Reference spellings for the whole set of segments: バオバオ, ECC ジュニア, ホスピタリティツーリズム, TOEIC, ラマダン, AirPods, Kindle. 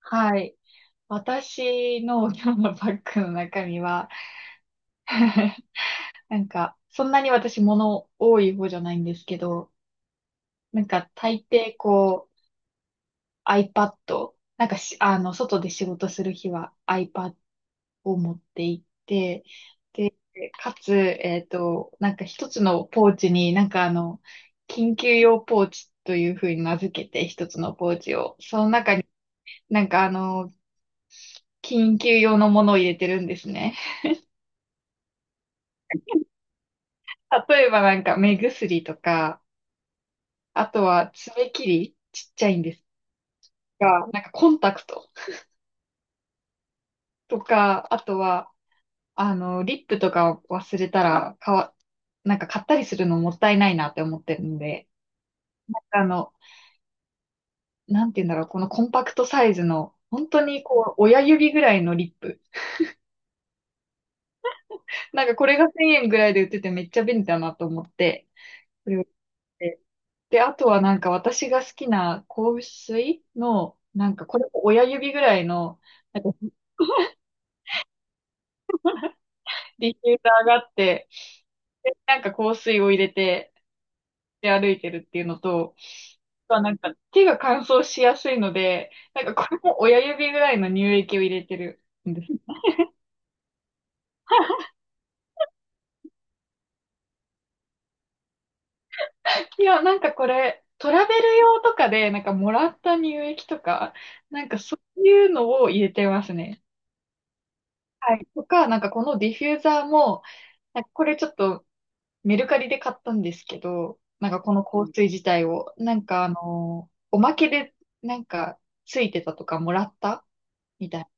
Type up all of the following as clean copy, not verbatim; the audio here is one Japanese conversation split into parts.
はい。私の 今日のバッグの中身は なんか、そんなに私物多い方じゃないんですけど、なんか大抵こう iPad、なんか、あの、外で仕事する日は iPad を持って行って、でかつ、なんか一つのポーチになんかあの、緊急用ポーチというふうに名付けて一つのポーチを、その中になんかあの、緊急用のものを入れてるんですね。例えばなんか目薬とか、あとは爪切り、ちっちゃいんですが、なんかコンタクトとか、あとは、あの、リップとか忘れたら、なんか買ったりするのもったいないなって思ってるんで、あの、なんて言うんだろう、このコンパクトサイズの、本当にこう、親指ぐらいのリップ。なんかこれが1000円ぐらいで売っててめっちゃ便利だなと思って、これを買ってで、あとはなんか私が好きな香水の、なんかこれも親指ぐらいの、なんかディフューザーがあって、で、なんか香水を入れて、で歩いてるっていうのと、まあとはなんか手が乾燥しやすいので、なんかこれも親指ぐらいの乳液を入れてるんです。いや、なんかこれ、トラベル用とかで、なんかもらった乳液とか、なんかそういうのを入れてますね。はい。とか、なんかこのディフューザーも、なんかこれちょっとメルカリで買ったんですけど、なんかこの香水自体を、なんかあの、おまけでなんかついてたとかもらったみたいな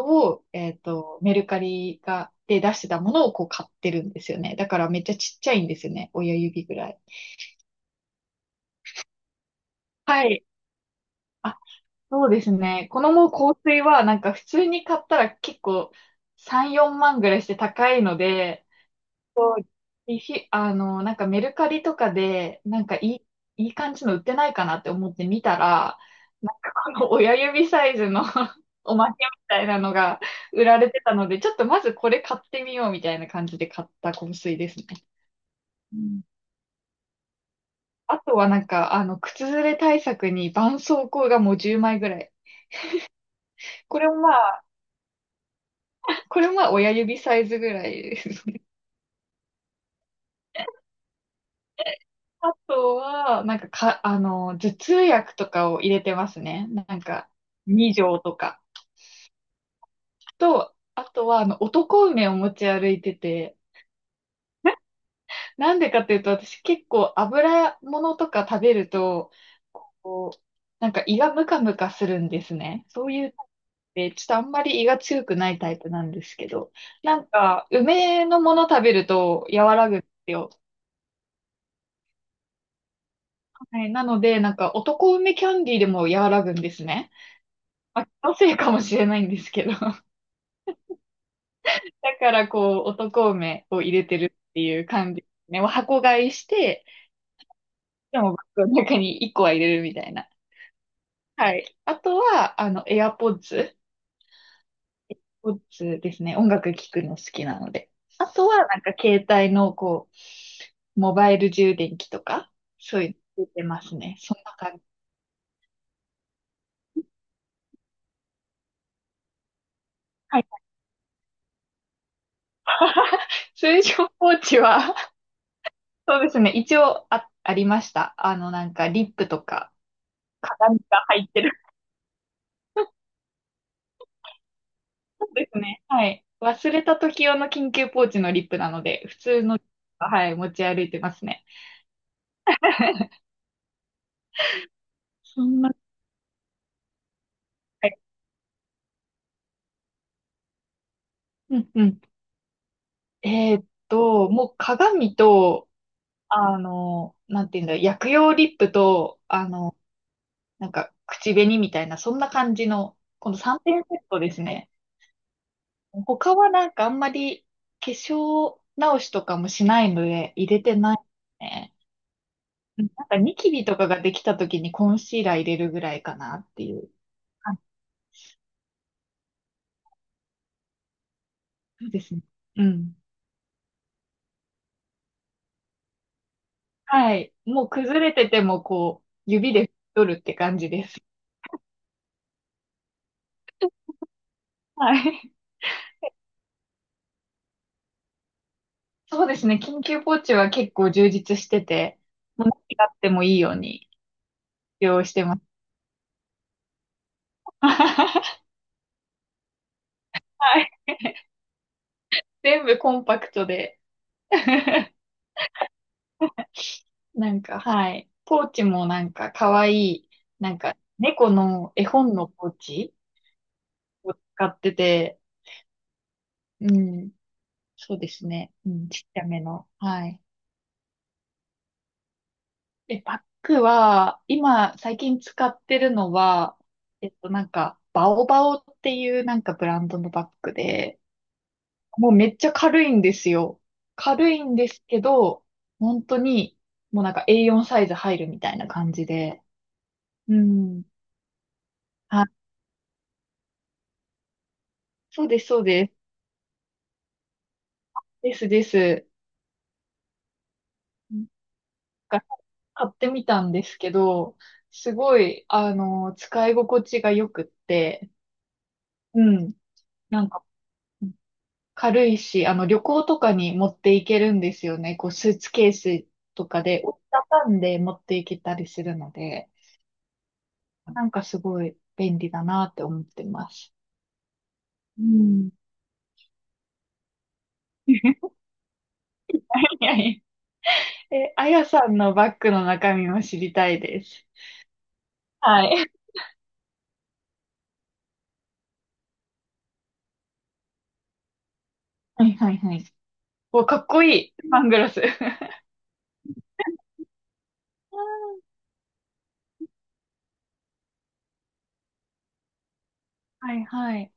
のを、メルカリが、で出してたものをこう買ってるんですよね。だからめっちゃちっちゃいんですよね。親指ぐらい。はい。あ、そうですね。このもう香水はなんか普通に買ったら結構3、4万ぐらいして高いので、リフィ、あの、なんかメルカリとかで、なんかいい感じの売ってないかなって思って見たら、なんかこの親指サイズの おまけみたいなのが売られてたので、ちょっとまずこれ買ってみようみたいな感じで買った香水ですね。うん。あとはなんか、あの、靴ずれ対策に絆創膏がもう10枚ぐらい。これもまあ、これもまあ親指サイズぐらいですね。あとは、なんか、あの、頭痛薬とかを入れてますね。なんか、2錠とか。と、あとは、あの、男梅を持ち歩いてて、なんでかっていうと、私結構油物とか食べると、こう、なんか胃がムカムカするんですね。そういうで、ちょっとあんまり胃が強くないタイプなんですけど、なんか、梅のもの食べると和らぐんですよ。はい、なので、なんか、男梅キャンディーでも和らぐんですね。まあ、気のせいかもしれないんですけど。だから、こう、男梅を入れてるっていう感じですね。もう箱買いして、でもバッグの中に1個は入れるみたいな。はい。あとは、あの、AirPods。p ですね。音楽聴くの好きなので。あとは、なんか携帯の、こう、モバイル充電器とか、そういうの出てますね。そんな感じ。はい。通常ポーチは、そうですね。一応ありました。あの、なんか、リップとか、鏡が入ってる。そうですね。はい。忘れた時用の緊急ポーチのリップなので、普通の、はい、持ち歩いてますね。そんな。はい。うんうん。もう鏡と、あの、なんていうんだ、薬用リップと、あの、なんか、口紅みたいな、そんな感じの、この3点セットですね。他はなんかあんまり化粧直しとかもしないので入れてないね。うん。なんかニキビとかができた時にコンシーラー入れるぐらいかなっていう。あ、そうですね。うん。はい。もう崩れててもこう、指で取るって感じです。はい。そうですね。緊急ポーチは結構充実してて、もう何があってもいいように用意してます。はい。全部コンパクトで。なんか、はい。ポーチもなんか可愛い、なんか猫の絵本のポーチを使ってて、うん。そうですね。うん、ちっちゃめの。はい。え、バッグは、今最近使ってるのは、なんか、バオバオっていうなんかブランドのバッグで、もうめっちゃ軽いんですよ。軽いんですけど、本当に、もうなんか A4 サイズ入るみたいな感じで。うん。あ、そうです、そうです。ですです。なんか買ってみたんですけど、すごい、あの、使い心地が良くって、うん。なんか、軽いし、あの、旅行とかに持っていけるんですよね。こう、スーツケースとかで折りたたんで持っていけたりするので。なんかすごい便利だなって思ってます。うん。いやいや、え、あやさんのバッグの中身も知りたいです。はい。はいはいはい。お、かっこいい。サングラス。はいはい。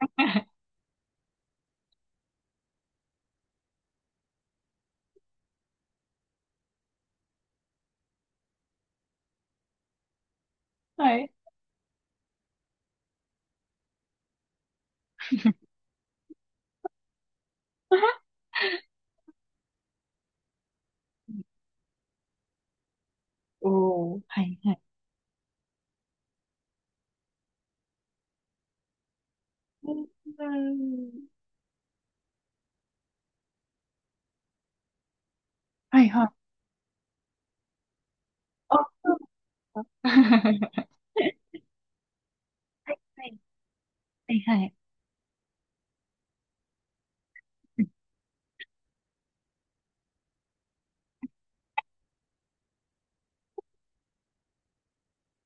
はい。おー、はいはい。うん、はいはい。あ、そうなんだ。 はいはいはいはい。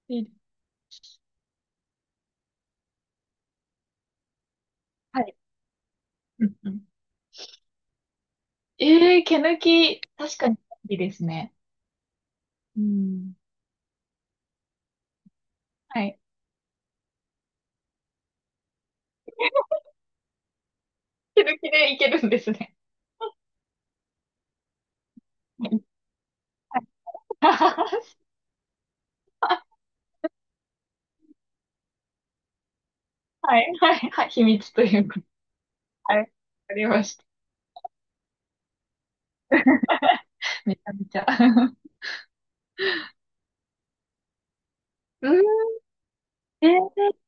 いいです、はい。うんうん。えー、毛抜き、確かにいいですね。うん。はい。 気づきでいけるんですね。はい、はい、はい、秘密ということ。はい、わかりました。めちゃめちゃ。うーん。えー、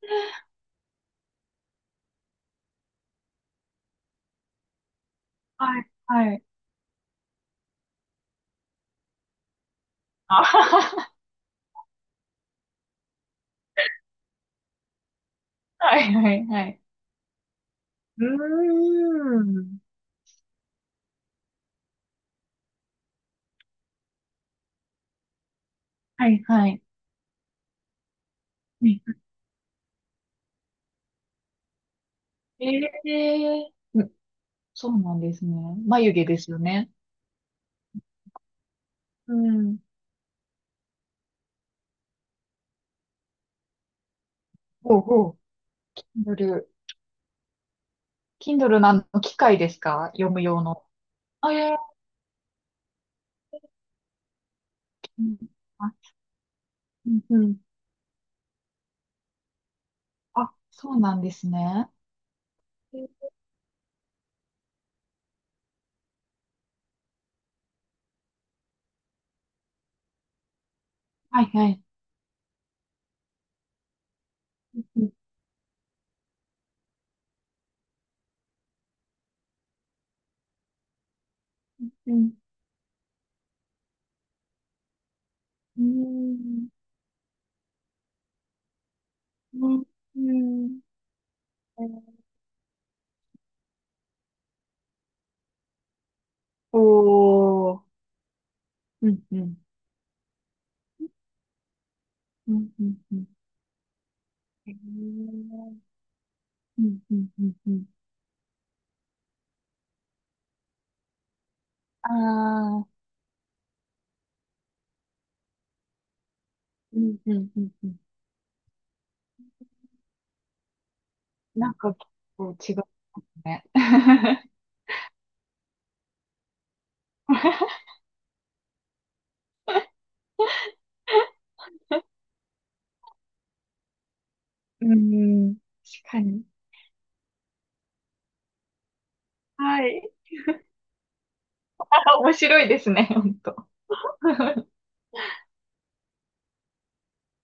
はい、はい。あはは、はい、はい、はい。うーん。はい、はい。ええー、うん、そうなんですね。眉毛ですよね。うん。ほうほう。Kindle。Kindle のあの機械ですか、読む用の。あ、いやいや。あ、うんうん。あ、そうなんですね。はいはい。うんうんうんうんうん。おー。うんうん。うんうんうん。へー。うんうんうんうん。ああ。うんうんうんうん。なんか結構違うね。うん、確かに。はい。あ、面白いですね、本当。